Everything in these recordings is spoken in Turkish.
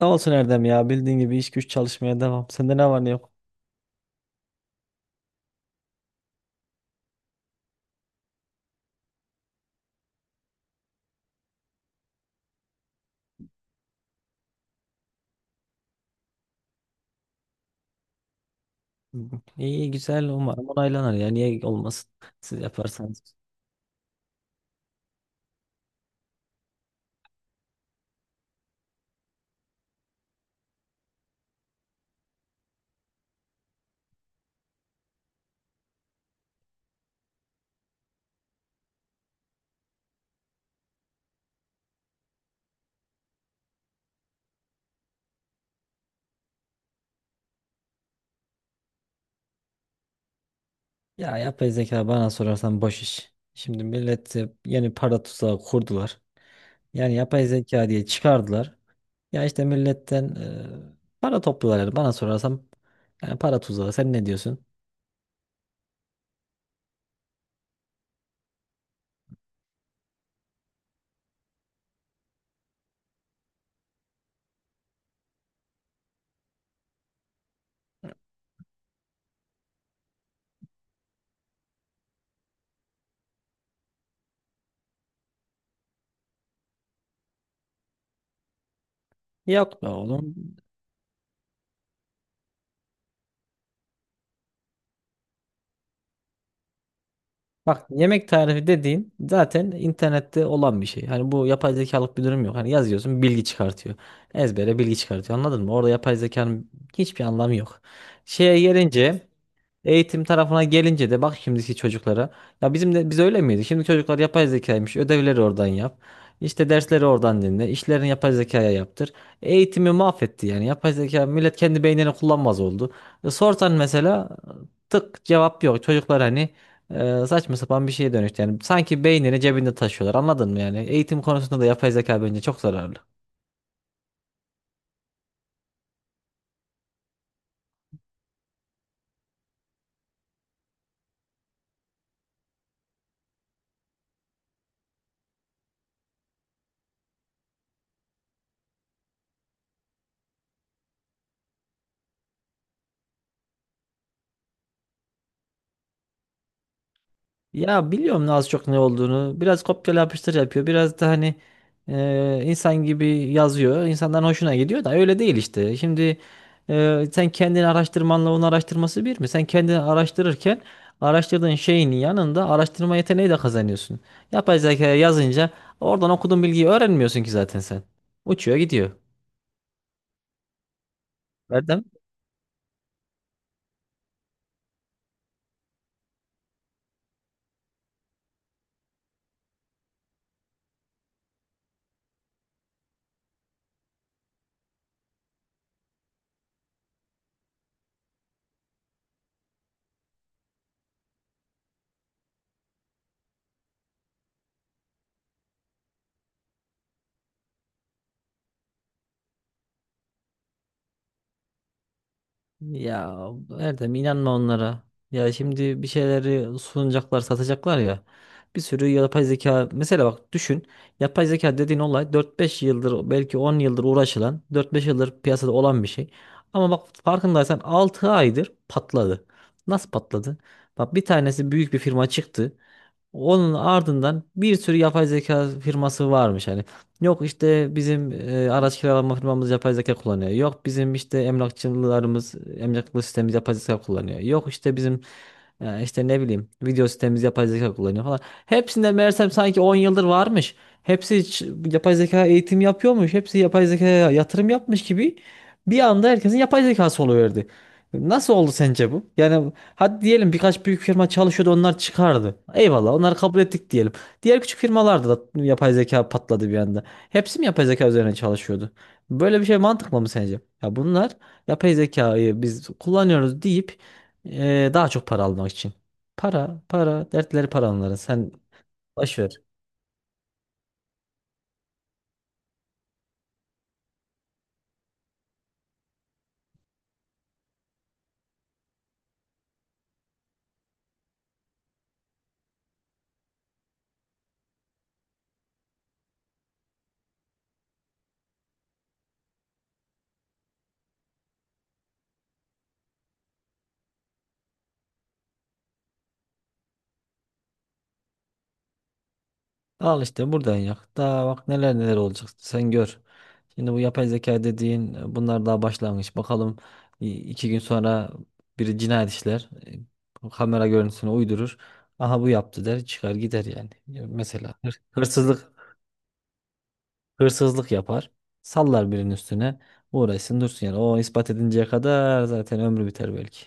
Ne olsun Erdem ya bildiğin gibi iş güç çalışmaya devam. Sende ne var ne yok? İyi güzel umarım onaylanır ya niye olmasın siz yaparsanız. Ya yapay zeka bana sorarsan boş iş. Şimdi millet yeni para tuzağı kurdular. Yani yapay zeka diye çıkardılar. Ya işte milletten para topluyorlar yani bana sorarsan yani para tuzağı sen ne diyorsun? Yok be oğlum. Bak yemek tarifi dediğin zaten internette olan bir şey. Hani bu yapay zekalık bir durum yok. Hani yazıyorsun bilgi çıkartıyor. Ezbere bilgi çıkartıyor. Anladın mı? Orada yapay zekanın hiçbir anlamı yok. Şeye gelince Eğitim tarafına gelince de bak şimdiki çocuklara. Ya bizim de biz öyle miydik? Şimdi çocuklar yapay zekaymış. Ödevleri oradan yap. İşte dersleri oradan dinle. İşlerini yapay zekaya yaptır. Eğitimi mahvetti yani. Yapay zeka millet kendi beynini kullanmaz oldu. Sorsan mesela tık cevap yok. Çocuklar hani saçma sapan bir şeye dönüştü. Yani sanki beynini cebinde taşıyorlar. Anladın mı yani? Eğitim konusunda da yapay zeka bence çok zararlı. Ya biliyorum ne az çok ne olduğunu. Biraz kopyala yapıştır yapıyor. Biraz da hani insan gibi yazıyor. İnsanların hoşuna gidiyor da öyle değil işte. Şimdi sen kendini araştırmanla onun araştırması bir mi? Sen kendini araştırırken araştırdığın şeyin yanında araştırma yeteneği de kazanıyorsun. Yapay zekaya yazınca oradan okuduğun bilgiyi öğrenmiyorsun ki zaten sen. Uçuyor gidiyor. Verdem. Ya Erdem, inanma onlara. Ya şimdi bir şeyleri sunacaklar, satacaklar ya. Bir sürü yapay zeka mesela bak düşün. Yapay zeka dediğin olay 4-5 yıldır belki 10 yıldır uğraşılan, 4-5 yıldır piyasada olan bir şey. Ama bak farkındaysan 6 aydır patladı. Nasıl patladı? Bak bir tanesi büyük bir firma çıktı. Onun ardından bir sürü yapay zeka firması varmış hani. Yok işte bizim araç kiralama firmamız yapay zeka kullanıyor. Yok bizim işte emlakçılarımız, emlaklı sistemimiz yapay zeka kullanıyor. Yok işte bizim işte ne bileyim video sistemimiz yapay zeka kullanıyor falan. Hepsinde meğersem sanki 10 yıldır varmış. Hepsi hiç yapay zeka eğitim yapıyormuş. Hepsi yapay zekaya yatırım yapmış gibi bir anda herkesin yapay zekası oluyordu. Nasıl oldu sence bu? Yani hadi diyelim birkaç büyük firma çalışıyordu onlar çıkardı. Eyvallah onları kabul ettik diyelim. Diğer küçük firmalarda da yapay zeka patladı bir anda. Hepsi mi yapay zeka üzerine çalışıyordu? Böyle bir şey mantıklı mı sence? Ya bunlar yapay zekayı biz kullanıyoruz deyip daha çok para almak için. Para, para, dertleri para onların. Sen boş ver. Al işte buradan yak. Daha bak neler neler olacak sen gör. Şimdi bu yapay zeka dediğin bunlar daha başlangıç. Bakalım 2 gün sonra biri cinayet işler. Kamera görüntüsünü uydurur. Aha bu yaptı der çıkar gider yani. Ya, mesela hırsızlık yapar. Sallar birinin üstüne. Uğraşsın dursun yani. O ispat edinceye kadar zaten ömrü biter belki.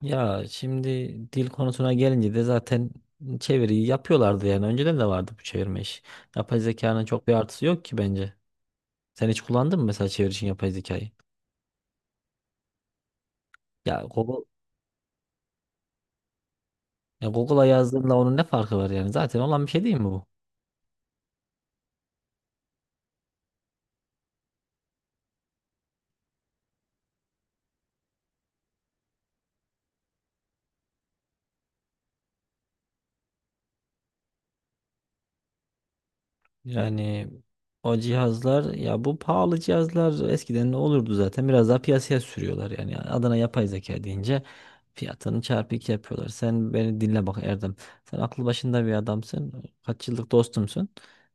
Ya şimdi dil konusuna gelince de zaten çeviriyi yapıyorlardı yani. Önceden de vardı bu çevirme işi. Yapay zekanın çok bir artısı yok ki bence. Sen hiç kullandın mı mesela çeviri için yapay zekayı? Ya Google, ya Google'a yazdığınla onun ne farkı var yani? Zaten olan bir şey değil mi bu? Yani o cihazlar ya bu pahalı cihazlar eskiden ne olurdu zaten biraz daha piyasaya sürüyorlar yani adına yapay zeka deyince fiyatını çarpı iki yapıyorlar. Sen beni dinle bak Erdem, sen aklı başında bir adamsın, kaç yıllık dostumsun,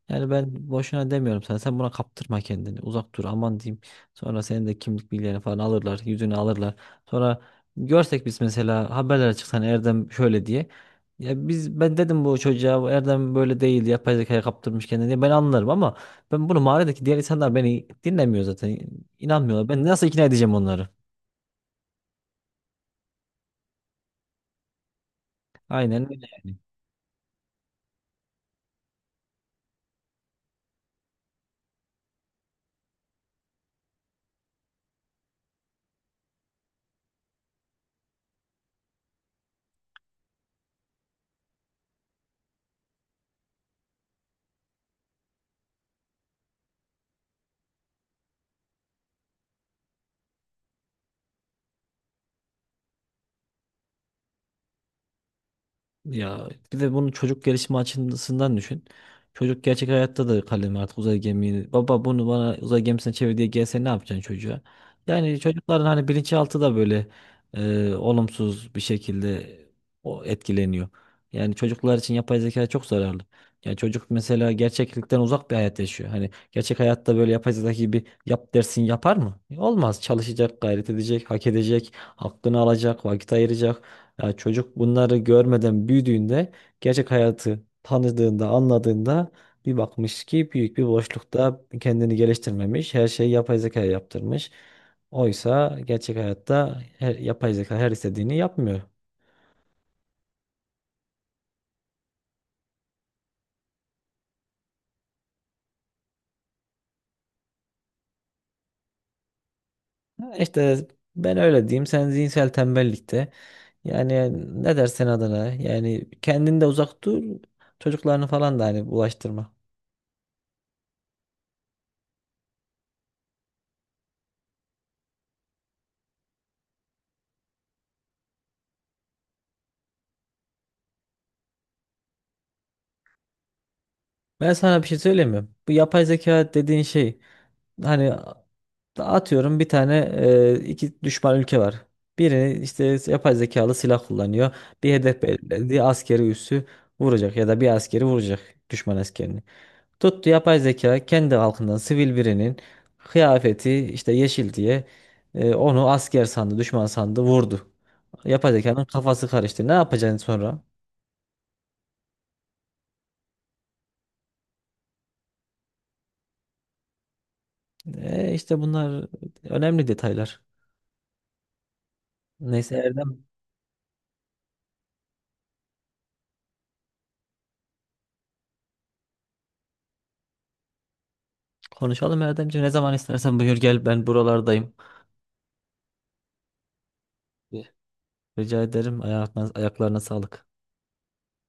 yani ben boşuna demiyorum sana. Sen buna kaptırma kendini, uzak dur aman diyeyim. Sonra senin de kimlik bilgilerini falan alırlar, yüzünü alırlar. Sonra görsek biz mesela haberlere çıksan Erdem şöyle diye. Ya biz, ben dedim bu çocuğa, bu Erdem böyle değil, yapay zekaya kaptırmış kendini diye, ben anlarım ama ben bunu, mahalledeki diğer insanlar beni dinlemiyor zaten, inanmıyorlar, ben nasıl ikna edeceğim onları? Aynen öyle. Ya bir de bunu çocuk gelişimi açısından düşün. Çocuk gerçek hayatta da kalemi artık uzay gemiyi. Baba bunu bana uzay gemisine çevir diye gelse ne yapacaksın çocuğa? Yani çocukların hani bilinçaltı da böyle olumsuz bir şekilde o etkileniyor. Yani çocuklar için yapay zeka çok zararlı. Yani çocuk mesela gerçeklikten uzak bir hayat yaşıyor. Hani gerçek hayatta böyle yapay zeka gibi yap dersin yapar mı? Olmaz. Çalışacak, gayret edecek, hak edecek, hakkını alacak, vakit ayıracak. Ya çocuk bunları görmeden büyüdüğünde, gerçek hayatı tanıdığında, anladığında bir bakmış ki büyük bir boşlukta kendini geliştirmemiş. Her şeyi yapay zeka yaptırmış. Oysa gerçek hayatta her, yapay zeka her istediğini yapmıyor. Ha, İşte ben öyle diyeyim. Sen zihinsel tembellikte. Yani ne dersen adına. Yani kendinde uzak dur. Çocuklarını falan da hani bulaştırma. Ben sana bir şey söyleyeyim mi? Bu yapay zeka dediğin şey hani, atıyorum bir tane, iki düşman ülke var. Biri işte yapay zekalı silah kullanıyor. Bir hedef belirledi. Askeri üssü vuracak ya da bir askeri vuracak, düşman askerini. Tuttu yapay zeka kendi halkından sivil birinin kıyafeti işte yeşil diye onu asker sandı, düşman sandı, vurdu. Yapay zekanın kafası karıştı. Ne yapacaksın sonra? İşte bunlar önemli detaylar. Neyse Erdem, konuşalım Erdemciğim. Ne zaman istersen buyur gel, ben buralardayım. Rica ederim. Ayaklarına, ayaklarına sağlık.